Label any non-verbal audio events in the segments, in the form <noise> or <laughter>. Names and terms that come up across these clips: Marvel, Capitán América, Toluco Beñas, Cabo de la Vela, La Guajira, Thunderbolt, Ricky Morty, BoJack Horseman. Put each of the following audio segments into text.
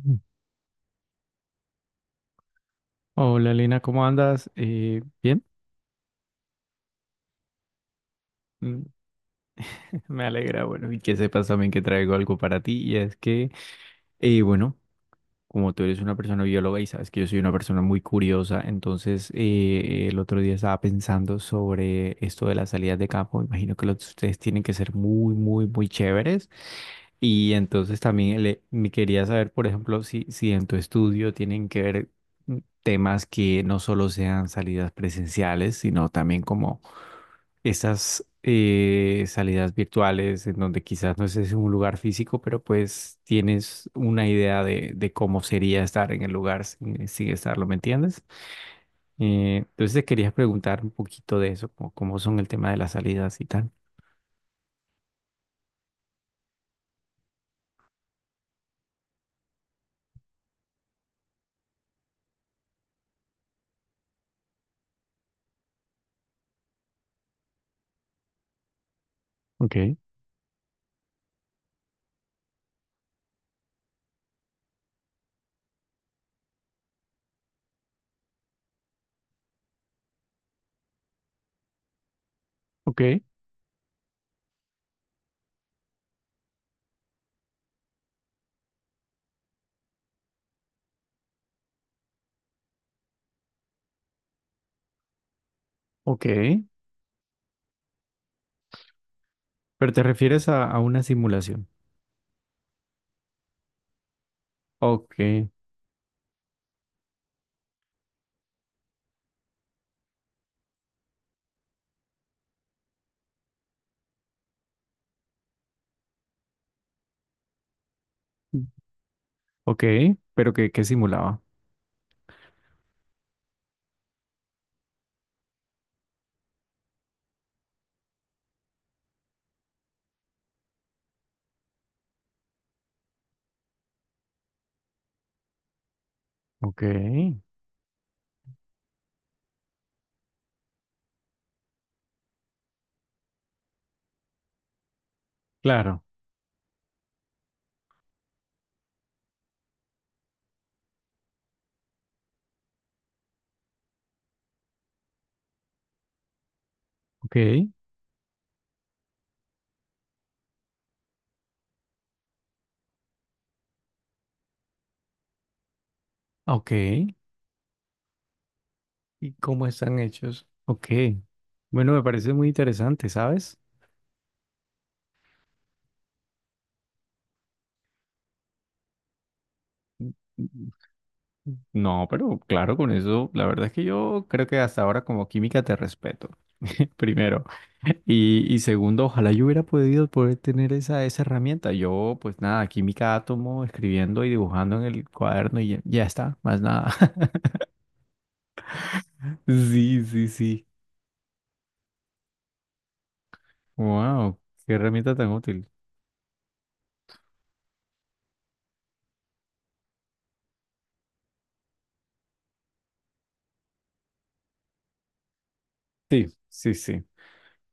Mm. Hola Lina, ¿cómo andas? Bien. Mm, <laughs> me alegra. Bueno, y que sepas también que traigo algo para ti, eh, bueno, Como tú eres una persona bióloga y sabes que yo soy una persona muy curiosa, entonces el otro día estaba pensando sobre esto de las salidas de campo. Imagino que los de ustedes tienen que ser muy, muy, muy chéveres, y entonces también me quería saber, por ejemplo, si en tu estudio tienen que ver temas que no solo sean salidas presenciales, sino también como esas salidas virtuales en donde quizás no es es un lugar físico, pero pues tienes una idea de cómo sería estar en el lugar sin estarlo, ¿me entiendes? Entonces te quería preguntar un poquito de eso, como cómo son el tema de las salidas y tal. Ok, ok, ok. Pero te refieres a una simulación. Ok, ok, pero ¿qué, qué simulaba? Ok, claro, ok, ok, y cómo están hechos. Ok. Bueno, me parece muy interesante, ¿sabes? No, pero claro, con eso, la verdad es que yo creo que hasta ahora como química te respeto, <laughs> primero. Y segundo, ojalá yo hubiera podido poder tener esa herramienta. Yo, pues nada, química átomo, escribiendo y dibujando en el cuaderno y ya, ya está, más nada. <laughs> Sí, sí, sí. Wow, qué herramienta tan útil. Sí, sí, sí.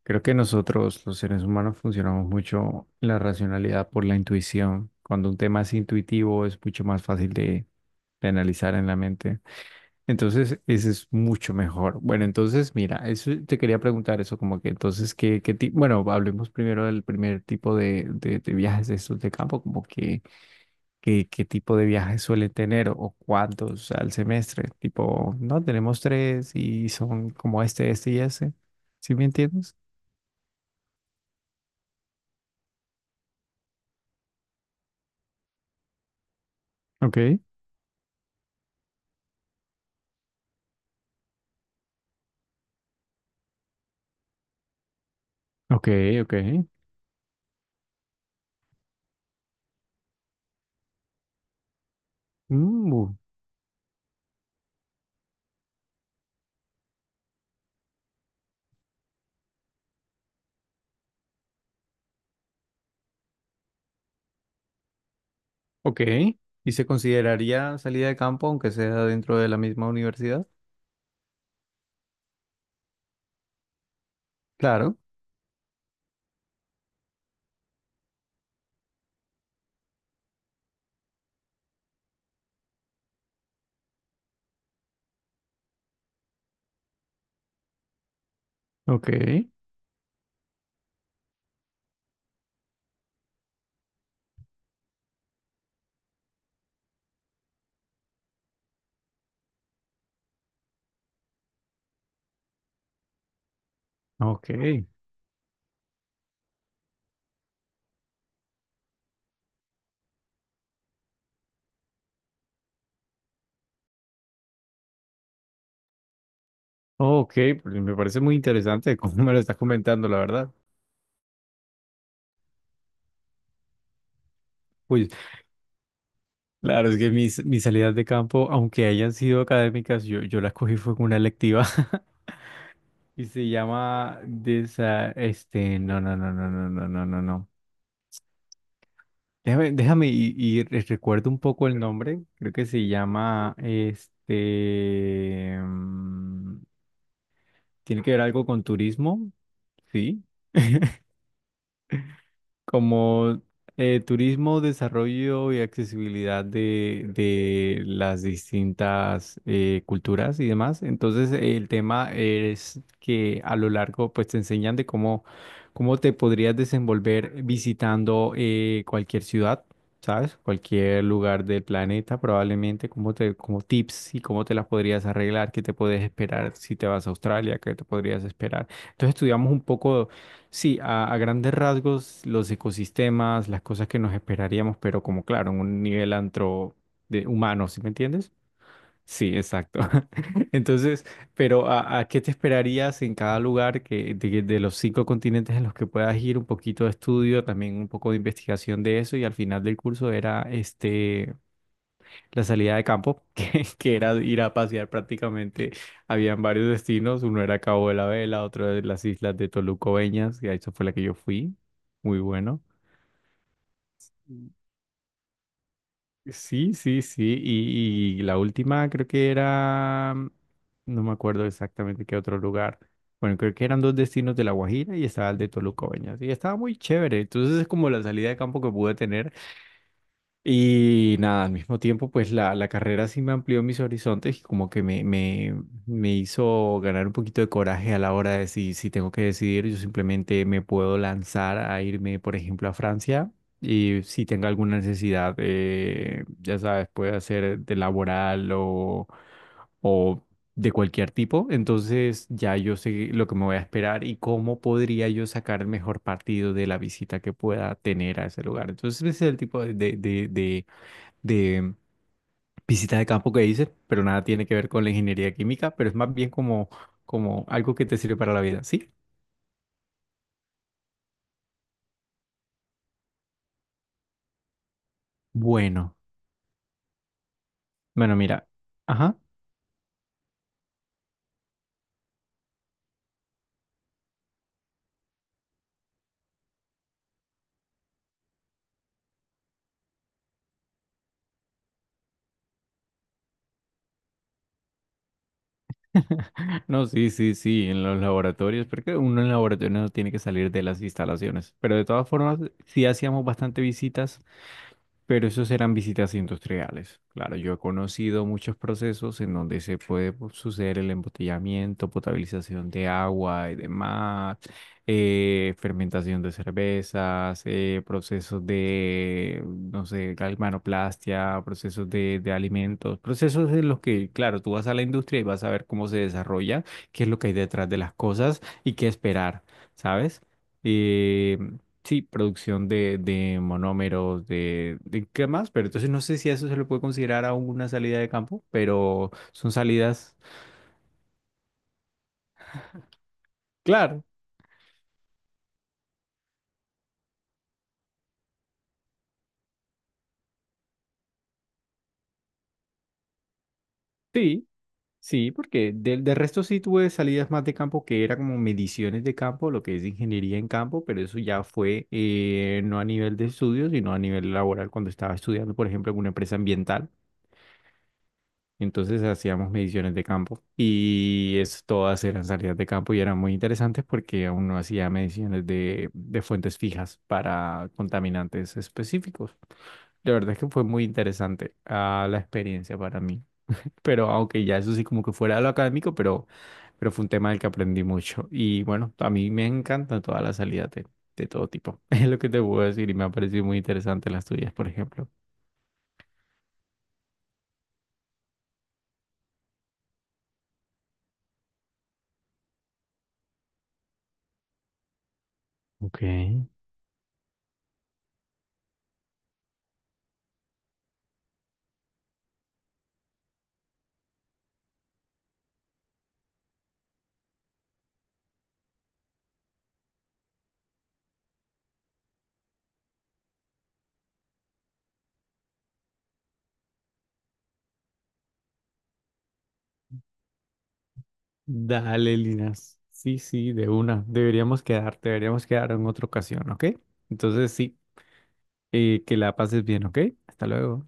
Creo que nosotros, los seres humanos, funcionamos mucho en la racionalidad por la intuición. Cuando un tema es intuitivo, es mucho más fácil de analizar en la mente. Entonces, ese es mucho mejor. Bueno, entonces, mira, eso te quería preguntar eso, como que entonces, ¿qué, qué tipo? Bueno, hablemos primero del primer tipo de viajes de estos de campo, como que, qué tipo de viajes suele tener o cuántos al semestre. Tipo, no, tenemos tres y son como este y ese. ¿Sí me entiendes? Ok. Ok, ok. Mm, ok. ¿Y se consideraría salida de campo aunque sea dentro de la misma universidad? Claro. Ok, ok. Ok, pues me parece muy interesante cómo <laughs> me lo estás comentando, la verdad. Uy, claro, es que mis salidas de campo, aunque hayan sido académicas, yo las cogí fue con una electiva. <laughs> Y se llama no, no, no, no, no, no, no, no, no, no. Déjame y recuerdo un poco el nombre. Creo que se llama tiene que ver algo con turismo, sí. Como turismo, desarrollo y accesibilidad de las distintas culturas y demás. Entonces, el tema es que a lo largo, pues te enseñan de cómo te podrías desenvolver visitando cualquier ciudad, ¿sabes? Cualquier lugar del planeta, probablemente, como como tips y cómo te las podrías arreglar, qué te puedes esperar si te vas a Australia, qué te podrías esperar. Entonces, estudiamos un poco. Sí, a grandes rasgos, los ecosistemas, las cosas que nos esperaríamos, pero como claro, en un nivel antro de humano, ¿sí me entiendes? Sí, exacto. <laughs> Entonces, pero a qué te esperarías en cada lugar que, de los cinco continentes en los que puedas ir? Un poquito de estudio, también un poco de investigación de eso y al final del curso era este la salida de campo, <laughs> que era ir a pasear prácticamente. Habían varios destinos, uno era Cabo de la Vela, otro de las islas de Toluco Beñas, que a esa fue la que yo fui, muy bueno. Sí, sí, sí, y la última creo que era, no me acuerdo exactamente qué otro lugar. Bueno, creo que eran dos destinos de La Guajira y estaba el de Toluco Beñas, y estaba muy chévere. Entonces es como la salida de campo que pude tener. Y nada, al mismo tiempo, pues la carrera sí me amplió mis horizontes y como que me hizo ganar un poquito de coraje a la hora de si, si tengo que decidir, yo simplemente me puedo lanzar a irme, por ejemplo, a Francia, y si tengo alguna necesidad, ya sabes, puede ser de laboral o de cualquier tipo, entonces ya yo sé lo que me voy a esperar y cómo podría yo sacar el mejor partido de la visita que pueda tener a ese lugar. Entonces ese es el tipo de visita de campo que hice, pero nada tiene que ver con la ingeniería química, pero es más bien como, como algo que te sirve para la vida, ¿sí? Bueno, bueno, mira, ajá. <laughs> No, sí, sí, sí, en los laboratorios, porque uno en laboratorio no tiene que salir de las instalaciones, pero de todas formas sí hacíamos bastante visitas. Pero esos eran visitas industriales. Claro, yo he conocido muchos procesos en donde se puede pues, suceder el embotellamiento, potabilización de agua y demás, fermentación de cervezas, procesos de, no sé, galvanoplastia, procesos de alimentos, procesos en los que, claro, tú vas a la industria y vas a ver cómo se desarrolla, qué es lo que hay detrás de las cosas y qué esperar, ¿sabes? Eh, Sí, producción de monómeros, de qué más, pero entonces no sé si a eso se le puede considerar aún una salida de campo, pero son salidas, claro, sí, sí, porque del resto sí tuve salidas más de campo que era como mediciones de campo, lo que es ingeniería en campo, pero eso ya fue no a nivel de estudio, sino a nivel laboral cuando estaba estudiando, por ejemplo, en una empresa ambiental. Entonces hacíamos mediciones de campo y es, todas eran salidas de campo y eran muy interesantes porque uno hacía mediciones de fuentes fijas para contaminantes específicos. La verdad es que fue muy interesante ah, la experiencia para mí. Pero aunque ya eso sí como que fuera de lo académico, pero fue un tema del que aprendí mucho. Y bueno, a mí me encantan todas las salidas de todo tipo. <laughs> Es lo que te puedo decir y me ha parecido muy interesante las tuyas, por ejemplo. Ok. Dale, Linas. Sí, sí, de una. Deberíamos quedar en otra ocasión, ¿ok? Entonces, sí, que la pases bien, ¿ok? Hasta luego.